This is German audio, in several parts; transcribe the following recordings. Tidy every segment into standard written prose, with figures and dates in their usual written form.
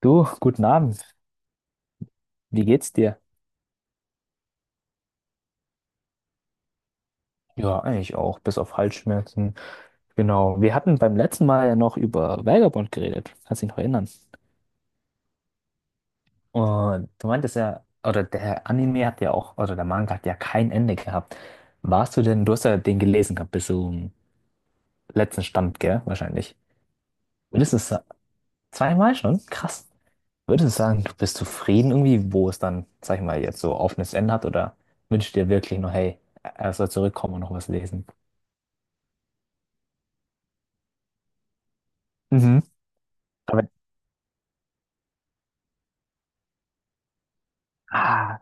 Du, guten Abend. Wie geht's dir? Ja, eigentlich auch, bis auf Halsschmerzen. Genau. Wir hatten beim letzten Mal ja noch über Vagabond geredet. Kannst dich noch erinnern? Und du meintest ja, oder der Anime hat ja auch, oder der Manga hat ja kein Ende gehabt. Warst du denn, du hast ja den gelesen gehabt bis zum letzten Stand, gell? Wahrscheinlich. Würdest du sa- Zweimal schon? Krass. Würdest du sagen, du bist zufrieden irgendwie, wo es dann, sag ich mal, jetzt so offenes Ende hat? Oder wünschst du dir wirklich noch, hey, er soll zurückkommen und noch was lesen? Mhm. Ah,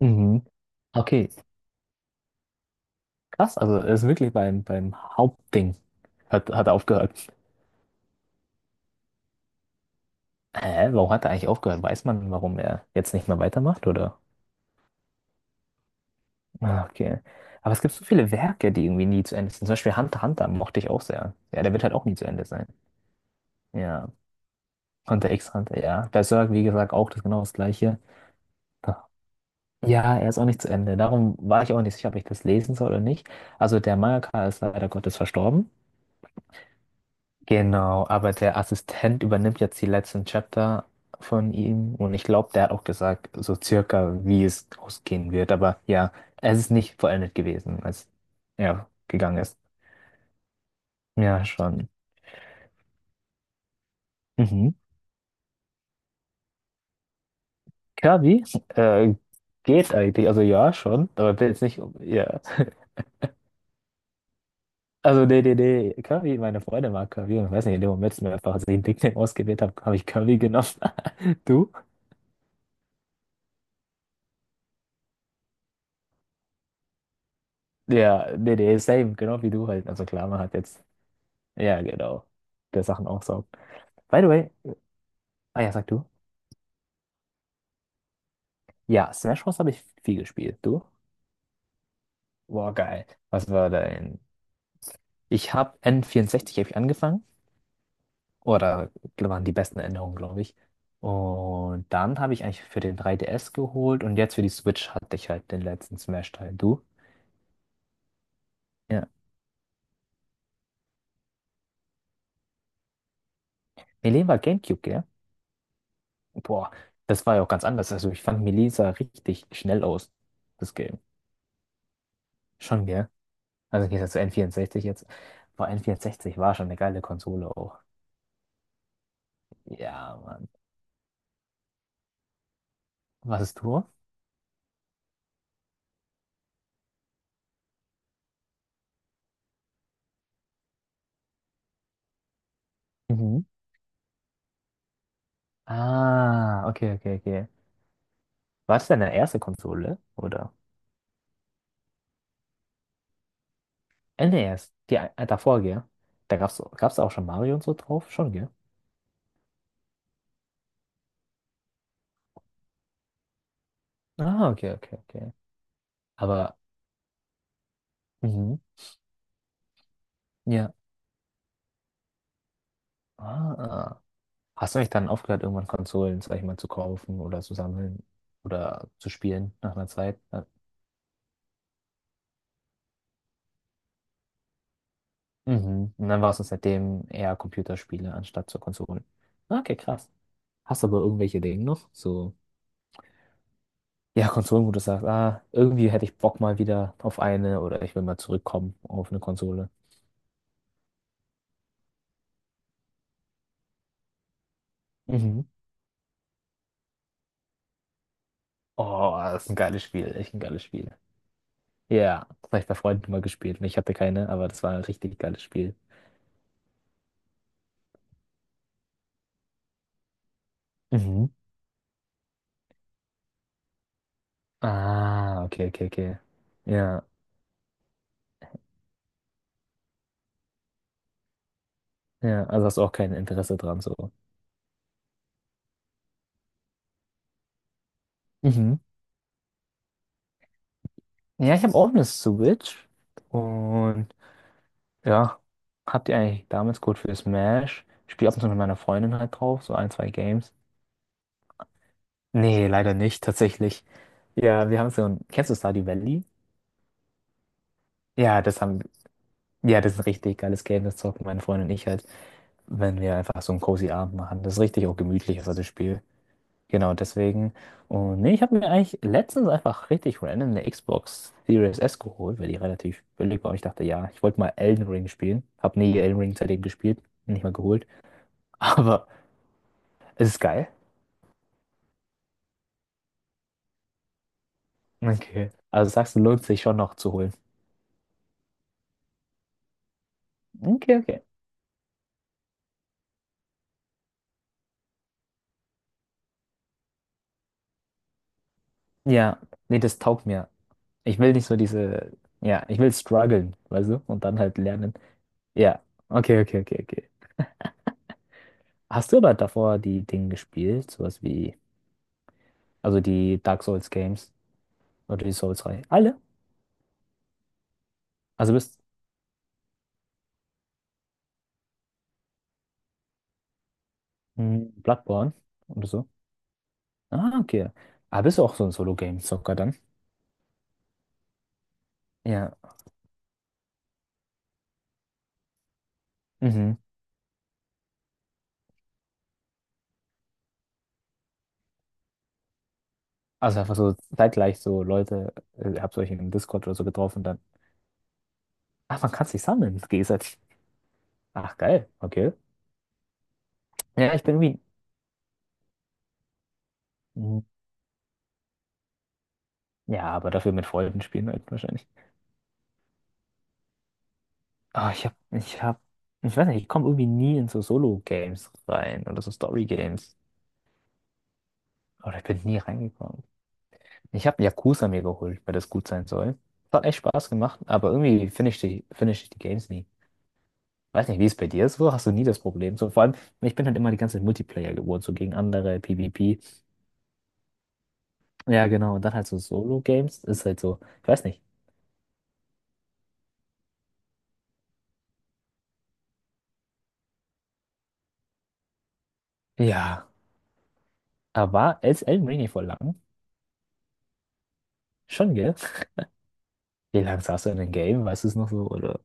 mhm. Okay, krass. Also er ist wirklich beim Hauptding. Hat er aufgehört. Hä, warum hat er eigentlich aufgehört? Weiß man, warum er jetzt nicht mehr weitermacht, oder? Ah, okay. Aber es gibt so viele Werke, die irgendwie nie zu Ende sind. Zum Beispiel Hunter x Hunter mochte ich auch sehr. Ja, der wird halt auch nie zu Ende sein. Ja. Hunter x Hunter, ja. Berserk, wie gesagt, auch das genau das Gleiche. Ja, er ist auch nicht zu Ende. Darum war ich auch nicht sicher, ob ich das lesen soll oder nicht. Also der Mangaka ist leider Gottes verstorben. Genau, aber der Assistent übernimmt jetzt die letzten Chapter von ihm und ich glaube, der hat auch gesagt, so circa, wie es ausgehen wird. Aber ja, es ist nicht vollendet gewesen, als er gegangen ist. Ja, schon. Mhm. Kirby, äh, geht eigentlich. Also ja, schon, aber bin jetzt nicht, ja. Also nee, nee, nee. Kirby, meine Freundin mag Kirby und ich weiß nicht, in dem Moment, als ich mir einfach den Nickname ausgewählt habe, habe ich Kirby genommen. Du? Ja, nee, nee, same, genau wie du halt. Also klar, man hat jetzt. Ja, genau. Der Sachen aufsaugt. By the way, ah ja, sag du. Ja, Smash Bros. Habe ich viel gespielt. Du? Boah, geil. Was war dein? Ich habe n vierundsechzig hab ich angefangen. Oder waren die besten Erinnerungen, glaube ich. Und dann habe ich eigentlich für den 3DS geholt und jetzt für die Switch hatte ich halt den letzten Smash-Teil. Du? Ja. Melee war GameCube, gell? Boah, das war ja auch ganz anders. Also ich fand Melee sah richtig schnell aus, das Game. Schon, gell? Also im Gegensatz zu N64 jetzt. Boah, N64 war schon eine geile Konsole auch. Ja, Mann. Was ist du? Mhm. Ah, okay, okay, okay. War das deine erste Konsole? Oder? Nee, erst davor, gell? Da gab's auch schon Mario und so drauf? Schon, gell? Ah, okay, okay, okay. Aber, mhm. Ja. Ah, ah. Hast du nicht dann aufgehört, irgendwann Konsolen, sag ich mal, zu kaufen oder zu sammeln oder zu spielen nach einer Zeit? Mhm. Und dann warst du seitdem eher Computerspiele anstatt zur Konsole. Okay, krass. Hast du aber irgendwelche Dinge noch? So, ja, Konsolen, wo du sagst, ah, irgendwie hätte ich Bock mal wieder auf eine oder ich will mal zurückkommen auf eine Konsole. Mhm. Oh, das ist ein geiles Spiel, echt ein geiles Spiel. Ja, das habe ich bei Freunden mal gespielt und ich hatte keine, aber das war ein richtig geiles Spiel. Mhm. Ah, okay, okay, okay. Ja, ja, also hast du auch kein Interesse dran, so. Mhm. Ja, ich habe auch eine Switch und ja, habt ihr eigentlich damals gut für Smash? Ich spiele ab und zu mit meiner Freundin halt drauf, so ein, zwei Games. Nee, leider nicht, tatsächlich. Ja, wir haben so ein. Kennst du Stardew Valley? Ja, das haben. Ja, das ist ein richtig geiles Game, das zocken meine Freundin und ich halt, wenn wir einfach so einen cozy Abend machen. Das ist richtig auch gemütlich, also das Spiel. Genau, deswegen. Und nee, ich habe mir eigentlich letztens einfach richtig random eine Xbox Series S geholt, weil die relativ billig war. Und ich dachte, ja, ich wollte mal Elden Ring spielen. Hab nie Elden Ring seitdem gespielt, nicht mal geholt. Aber. Ist es geil? Okay. Also sagst du, lohnt sich schon noch zu holen. Okay, okay. Ja, nee, das taugt mir. Ich will nicht so diese, ja, ich will strugglen, weißt du, und dann halt lernen. Ja, okay, okay, okay, okay. Hast du aber davor die Dinge gespielt, sowas wie, also die Dark Souls Games oder die Souls-Reihe? Alle? Also bist. Hm, Bloodborne oder so? Ah, okay. Ah, bist du auch so ein Solo-Game-Zocker dann? Ja. Mhm. Also einfach so zeitgleich so Leute, habt euch im Discord oder so getroffen, dann. Ach, man kann sich sammeln. Das geht halt. Ach, geil. Okay. Ja, ich bin irgendwie. Hm. Ja, aber dafür mit Freunden spielen halt wahrscheinlich. Ah, ich weiß nicht, ich komme irgendwie nie in so Solo-Games rein oder so Story-Games. Oder ich bin nie reingekommen. Ich habe Yakuza mir geholt, weil das gut sein soll. Hat echt Spaß gemacht, aber irgendwie finde ich die Games nie. Weiß nicht, wie es bei dir ist, wo hast du nie das Problem? So, vor allem, ich bin halt immer die ganze Zeit Multiplayer geworden, so gegen andere, PvP. Ja, genau. Und dann halt so Solo-Games ist halt so, ich weiß nicht. Ja. Aber ist elf Mini voll lang? Schon, gell? Wie lange saß du in dem Game? Weißt du es noch so? Oder?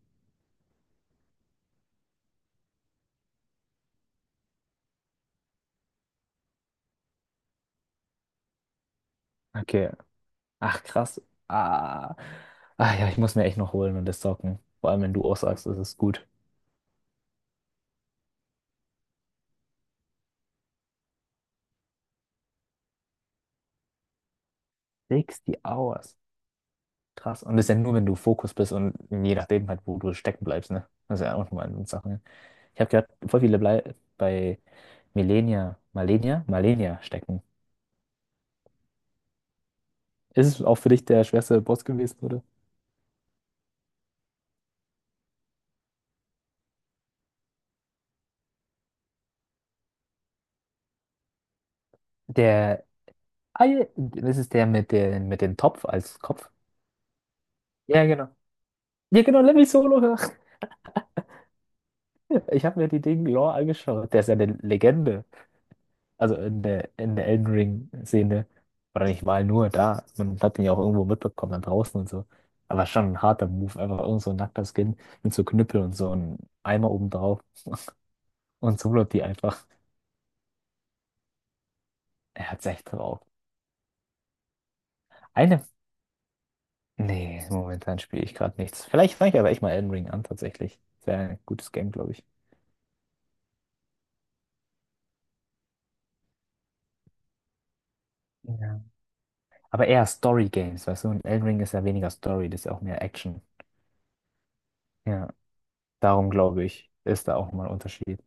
Okay. Ach, krass. Ah. Ach ja, ich muss mir echt noch holen und das zocken. Vor allem, wenn du auch sagst, das ist gut. 60 Hours. Krass. Und das ist ja nur, wenn du Fokus bist und je nachdem halt, wo du stecken bleibst, ne? Das ist ja auch nochmal eine Sache, ne? Ich habe gehört, voll viele blei bei Malenia stecken. Ist es auch für dich der schwerste Boss gewesen, oder? Der, ah, ja, das ist der mit dem Topf als Kopf. Ja, genau. Ja, genau, Lemmy Solo. Ich habe mir die Ding Lore angeschaut. Der ist ja eine Legende. Also in der Elden Ring-Szene. Oder nicht mal nur da. Man hat ihn ja auch irgendwo mitbekommen, dann draußen und so. Aber schon ein harter Move. Einfach irgend so ein nackter Skin mit so Knüppel und so einem Eimer oben drauf. Und so wird die einfach. Er hat's echt drauf. Eine. Nee, momentan spiele ich gerade nichts. Vielleicht fange ich aber echt mal Elden Ring an, tatsächlich. Ist ja ein gutes Game, glaube ich. Ja. Aber eher Story-Games, weißt du? Und Elden Ring ist ja weniger Story, das ist ja auch mehr Action. Ja. Darum glaube ich, ist da auch mal ein Unterschied.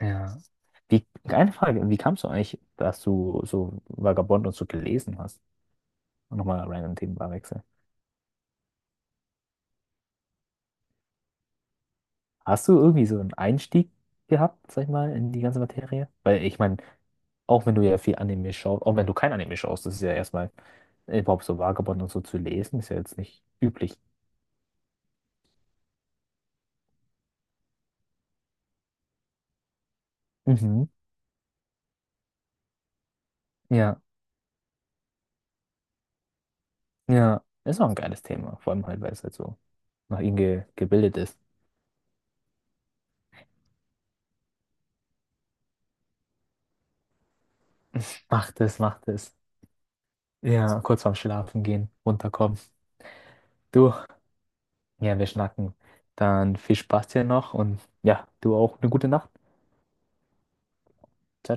Ja. Wie, eine Frage, wie kamst du eigentlich, dass du so Vagabond und so gelesen hast? Und nochmal random Themenwechsel. Hast du irgendwie so einen Einstieg gehabt, sag ich mal, in die ganze Materie? Weil ich meine, auch wenn du ja viel Anime schaust, auch wenn du kein Anime schaust, das ist ja erstmal überhaupt so Vagabond und so zu lesen, ist ja jetzt nicht üblich. Mhm. Ja, ja. Ist auch ein geiles Thema, vor allem halt, weil es halt so nach ihm ge gebildet ist. Macht es, macht es. Ja, kurz vorm Schlafen gehen, runterkommen. Du, ja, wir schnacken. Dann viel Spaß dir noch und ja, du auch eine gute Nacht. Ciao, ciao.